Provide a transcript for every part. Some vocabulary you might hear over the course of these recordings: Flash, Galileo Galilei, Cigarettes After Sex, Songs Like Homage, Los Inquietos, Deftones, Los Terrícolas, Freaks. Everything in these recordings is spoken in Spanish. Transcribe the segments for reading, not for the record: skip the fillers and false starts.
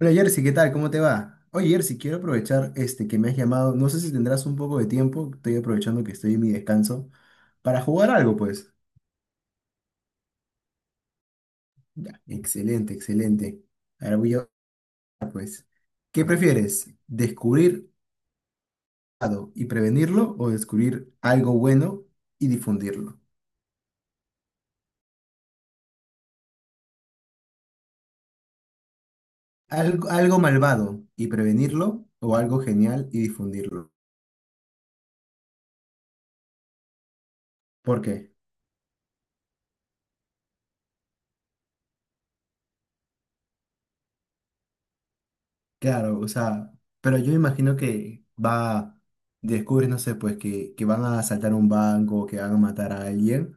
Hola Jersey, ¿qué tal? ¿Cómo te va? Oye Jersey, quiero aprovechar este que me has llamado. No sé si tendrás un poco de tiempo, estoy aprovechando que estoy en mi descanso, para jugar algo, pues. Ya, excelente, excelente. Ahora voy a pues. ¿Qué prefieres? ¿Descubrir algo y prevenirlo o descubrir algo bueno y difundirlo? Algo malvado y prevenirlo o algo genial y difundirlo. ¿Por qué? Claro, o sea, pero yo imagino que va, descubres, no sé, pues que van a asaltar un banco, que van a matar a alguien,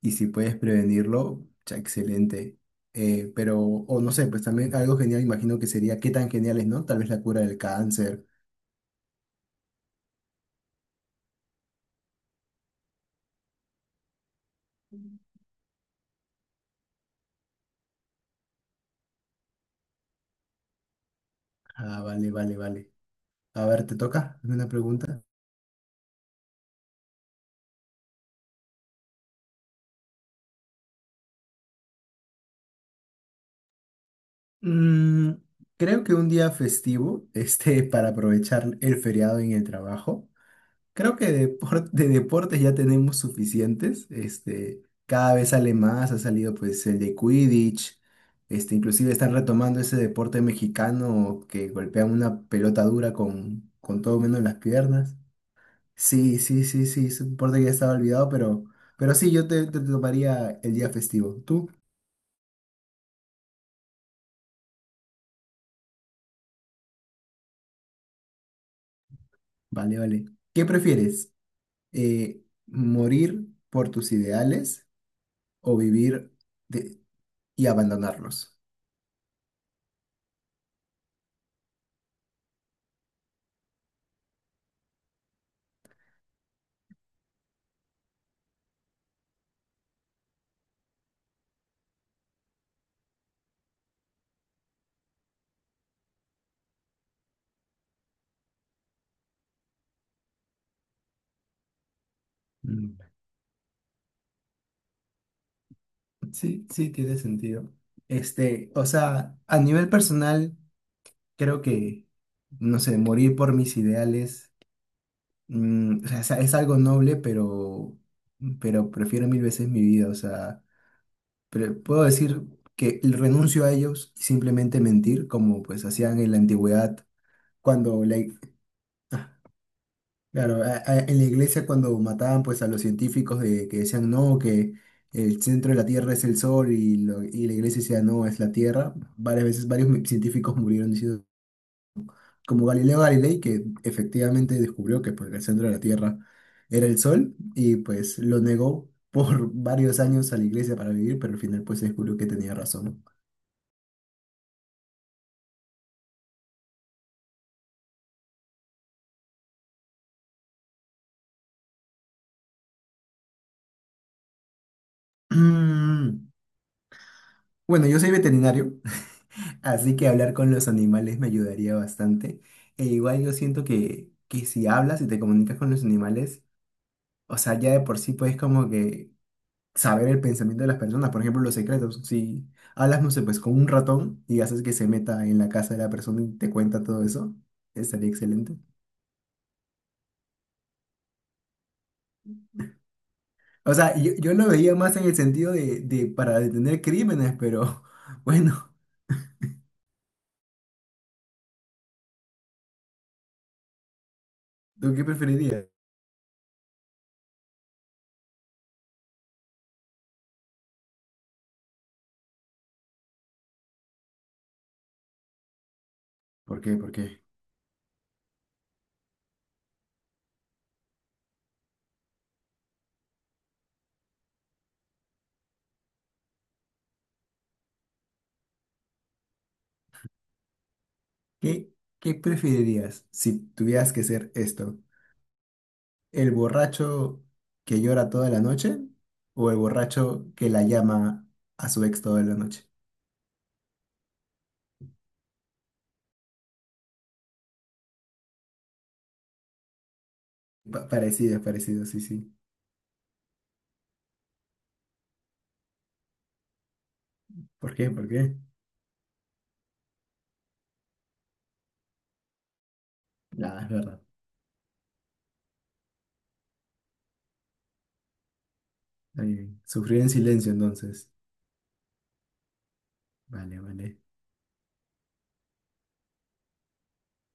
y si puedes prevenirlo, ya excelente. Pero, o no sé, pues también algo genial, imagino que sería, qué tan genial es, ¿no? Tal vez la cura del cáncer. Ah, vale, vale, vale. A ver, ¿te toca? Hazme una pregunta. Mm, Creo que un día festivo, este, para aprovechar el feriado en el trabajo. Creo que de deportes ya tenemos suficientes. Este, cada vez sale más, ha salido pues el de Quidditch. Este, inclusive están retomando ese deporte mexicano que golpean una pelota dura con todo menos las piernas. Sí, sí, sí, sí, es un deporte que ya estaba olvidado, pero, sí, yo te tomaría el día festivo. ¿Tú? Vale, vale. ¿Qué prefieres? ¿Morir por tus ideales o vivir de- y abandonarlos? Mm, sí, sí, tiene sentido. Este, o sea, a nivel personal, creo que, no sé, morir por mis ideales, o sea, es algo noble, pero prefiero mil veces mi vida, o sea, pero puedo decir que renuncio a ellos y simplemente mentir, como pues hacían en la antigüedad, cuando la, claro, en la iglesia cuando mataban pues a los científicos que decían no, que el centro de la Tierra es el Sol y, y la iglesia decía no, es la Tierra, varias veces varios científicos murieron diciendo, como Galileo Galilei, que efectivamente descubrió que pues, el centro de la Tierra era el Sol y pues lo negó por varios años a la iglesia para vivir, pero al final pues se descubrió que tenía razón. Bueno, yo soy veterinario, así que hablar con los animales me ayudaría bastante. E igual yo siento que si hablas y te comunicas con los animales, o sea, ya de por sí puedes como que saber el pensamiento de las personas, por ejemplo, los secretos. Si hablas, no sé, pues con un ratón y haces que se meta en la casa de la persona y te cuenta todo eso, estaría excelente. O sea, yo lo veía más en el sentido de para detener crímenes, pero bueno, ¿tú qué preferirías? ¿Por qué? ¿Por qué? ¿Qué, qué preferirías si tuvieras que hacer esto? ¿El borracho que llora toda la noche o el borracho que la llama a su ex toda la noche? Parecido, es parecido, sí, sí. ¿Por qué? ¿Por qué? Nada, es verdad. Está bien. Sufrir en silencio entonces. Vale, vale.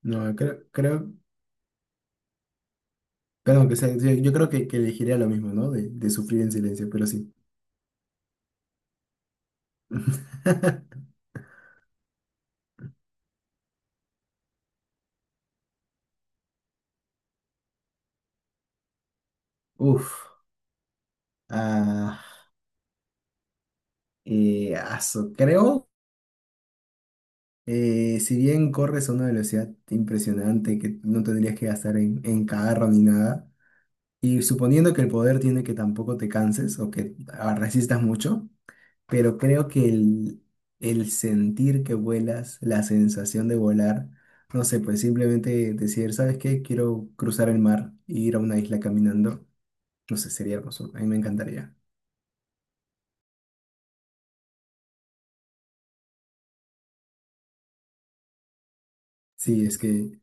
No, creo, perdón, sí, yo creo que, elegiría lo mismo, ¿no? De sufrir en silencio, pero sí. Uf. Ah, aso, creo. Si bien corres a una velocidad impresionante que no tendrías que gastar en, carro ni nada, y suponiendo que el poder tiene que tampoco te canses o que resistas mucho, pero creo que el, sentir que vuelas, la sensación de volar, no sé, pues simplemente decir, ¿sabes qué? Quiero cruzar el mar e ir a una isla caminando, no sé, sería hermoso, a mí me encantaría. Sí, es que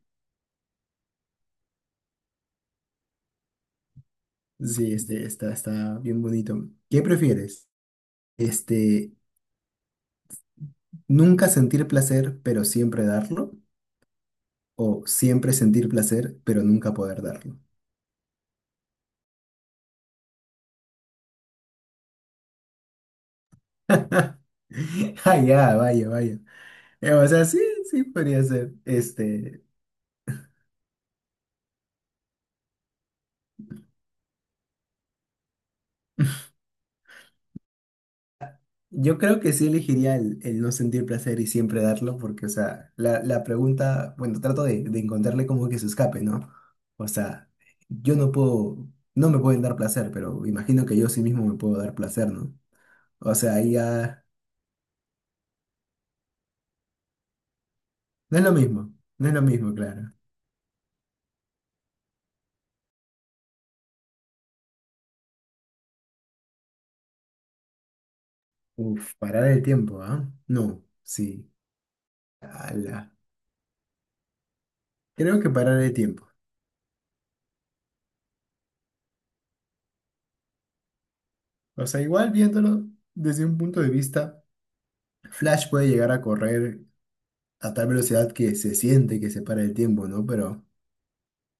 sí, este, está, bien bonito. ¿Qué prefieres? Este, nunca sentir placer, pero siempre darlo. O siempre sentir placer, pero nunca poder darlo. Ah, ya, vaya, vaya. O sea, sí, sí podría ser. Este, yo creo que sí elegiría el, no sentir placer y siempre darlo, porque, o sea, la, pregunta, bueno, trato de, encontrarle como que se escape, ¿no? O sea, yo no puedo, no me pueden dar placer, pero imagino que yo sí mismo me puedo dar placer, ¿no? O sea, ahí ya no es lo mismo, no es lo mismo, claro. Uf, parar el tiempo, ¿ah? No, sí. Ala. Creo que parar el tiempo. O sea, igual viéndolo desde un punto de vista, Flash puede llegar a correr a tal velocidad que se siente que se para el tiempo, ¿no? Pero…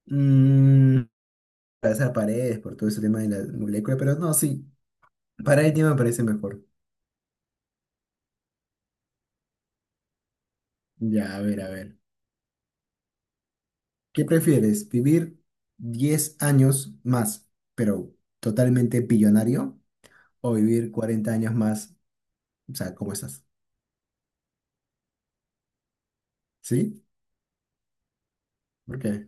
Mmm, atravesar paredes por todo ese tema de la molécula, pero no, sí. Parar el tiempo me parece mejor. Ya, a ver, a ver. ¿Qué prefieres? ¿Vivir 10 años más, pero totalmente billonario? ¿O vivir 40 años más? O sea, ¿cómo estás? ¿Sí? Ok,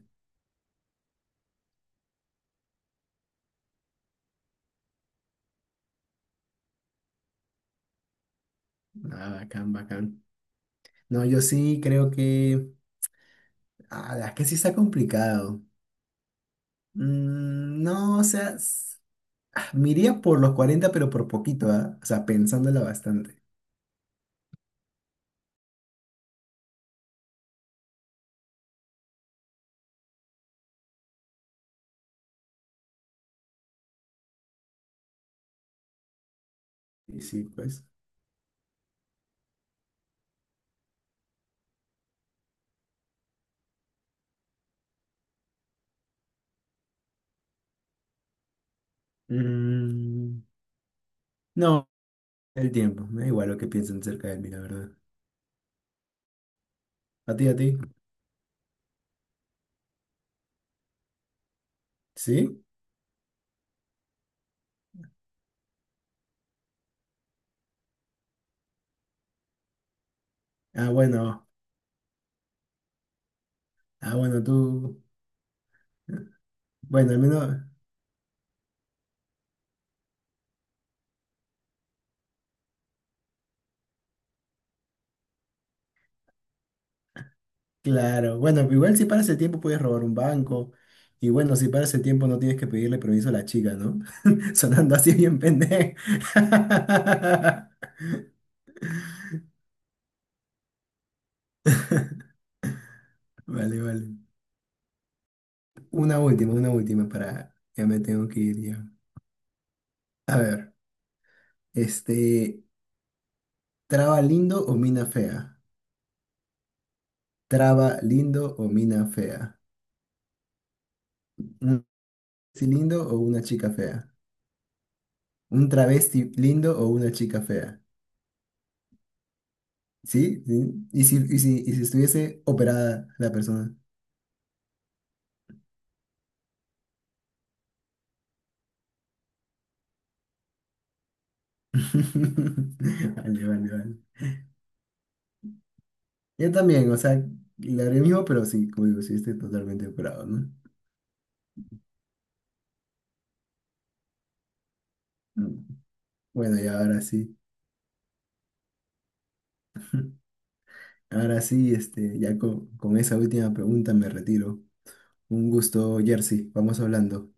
ah, bacán, bacán. No, yo sí creo que. Ah, es que sí está complicado. No, o sea, me iría por los 40, pero por poquito, ¿ah? O sea, pensándola bastante. Y sí, pues. Mm, no, el tiempo. Me da igual lo que piensen acerca de mí, la verdad. ¿A ti, a ti? ¿Sí? Ah, bueno. Ah, bueno, tú. Eh, bueno, al menos. Claro, bueno, igual si paras el tiempo puedes robar un banco. Y bueno, si paras el tiempo no tienes que pedirle permiso a la chica, ¿no? Sonando así bien pendejo. Vale, vale. Una última para… Ya me tengo que ir ya. A ver, este… ¿Traba lindo o mina fea? ¿Traba lindo o mina fea? ¿Un travesti lindo o una chica fea? ¿Un travesti lindo o una chica fea? ¿Sí? ¿Sí? ¿Y si estuviese operada la persona? Vale, vale, vale. Yo también, o sea, le haré mismo, pero sí, como digo, sí estoy totalmente operado, ¿no? Mm. Bueno, y ahora sí, ahora sí, este, ya con esa última pregunta me retiro. Un gusto, Jersey, vamos hablando.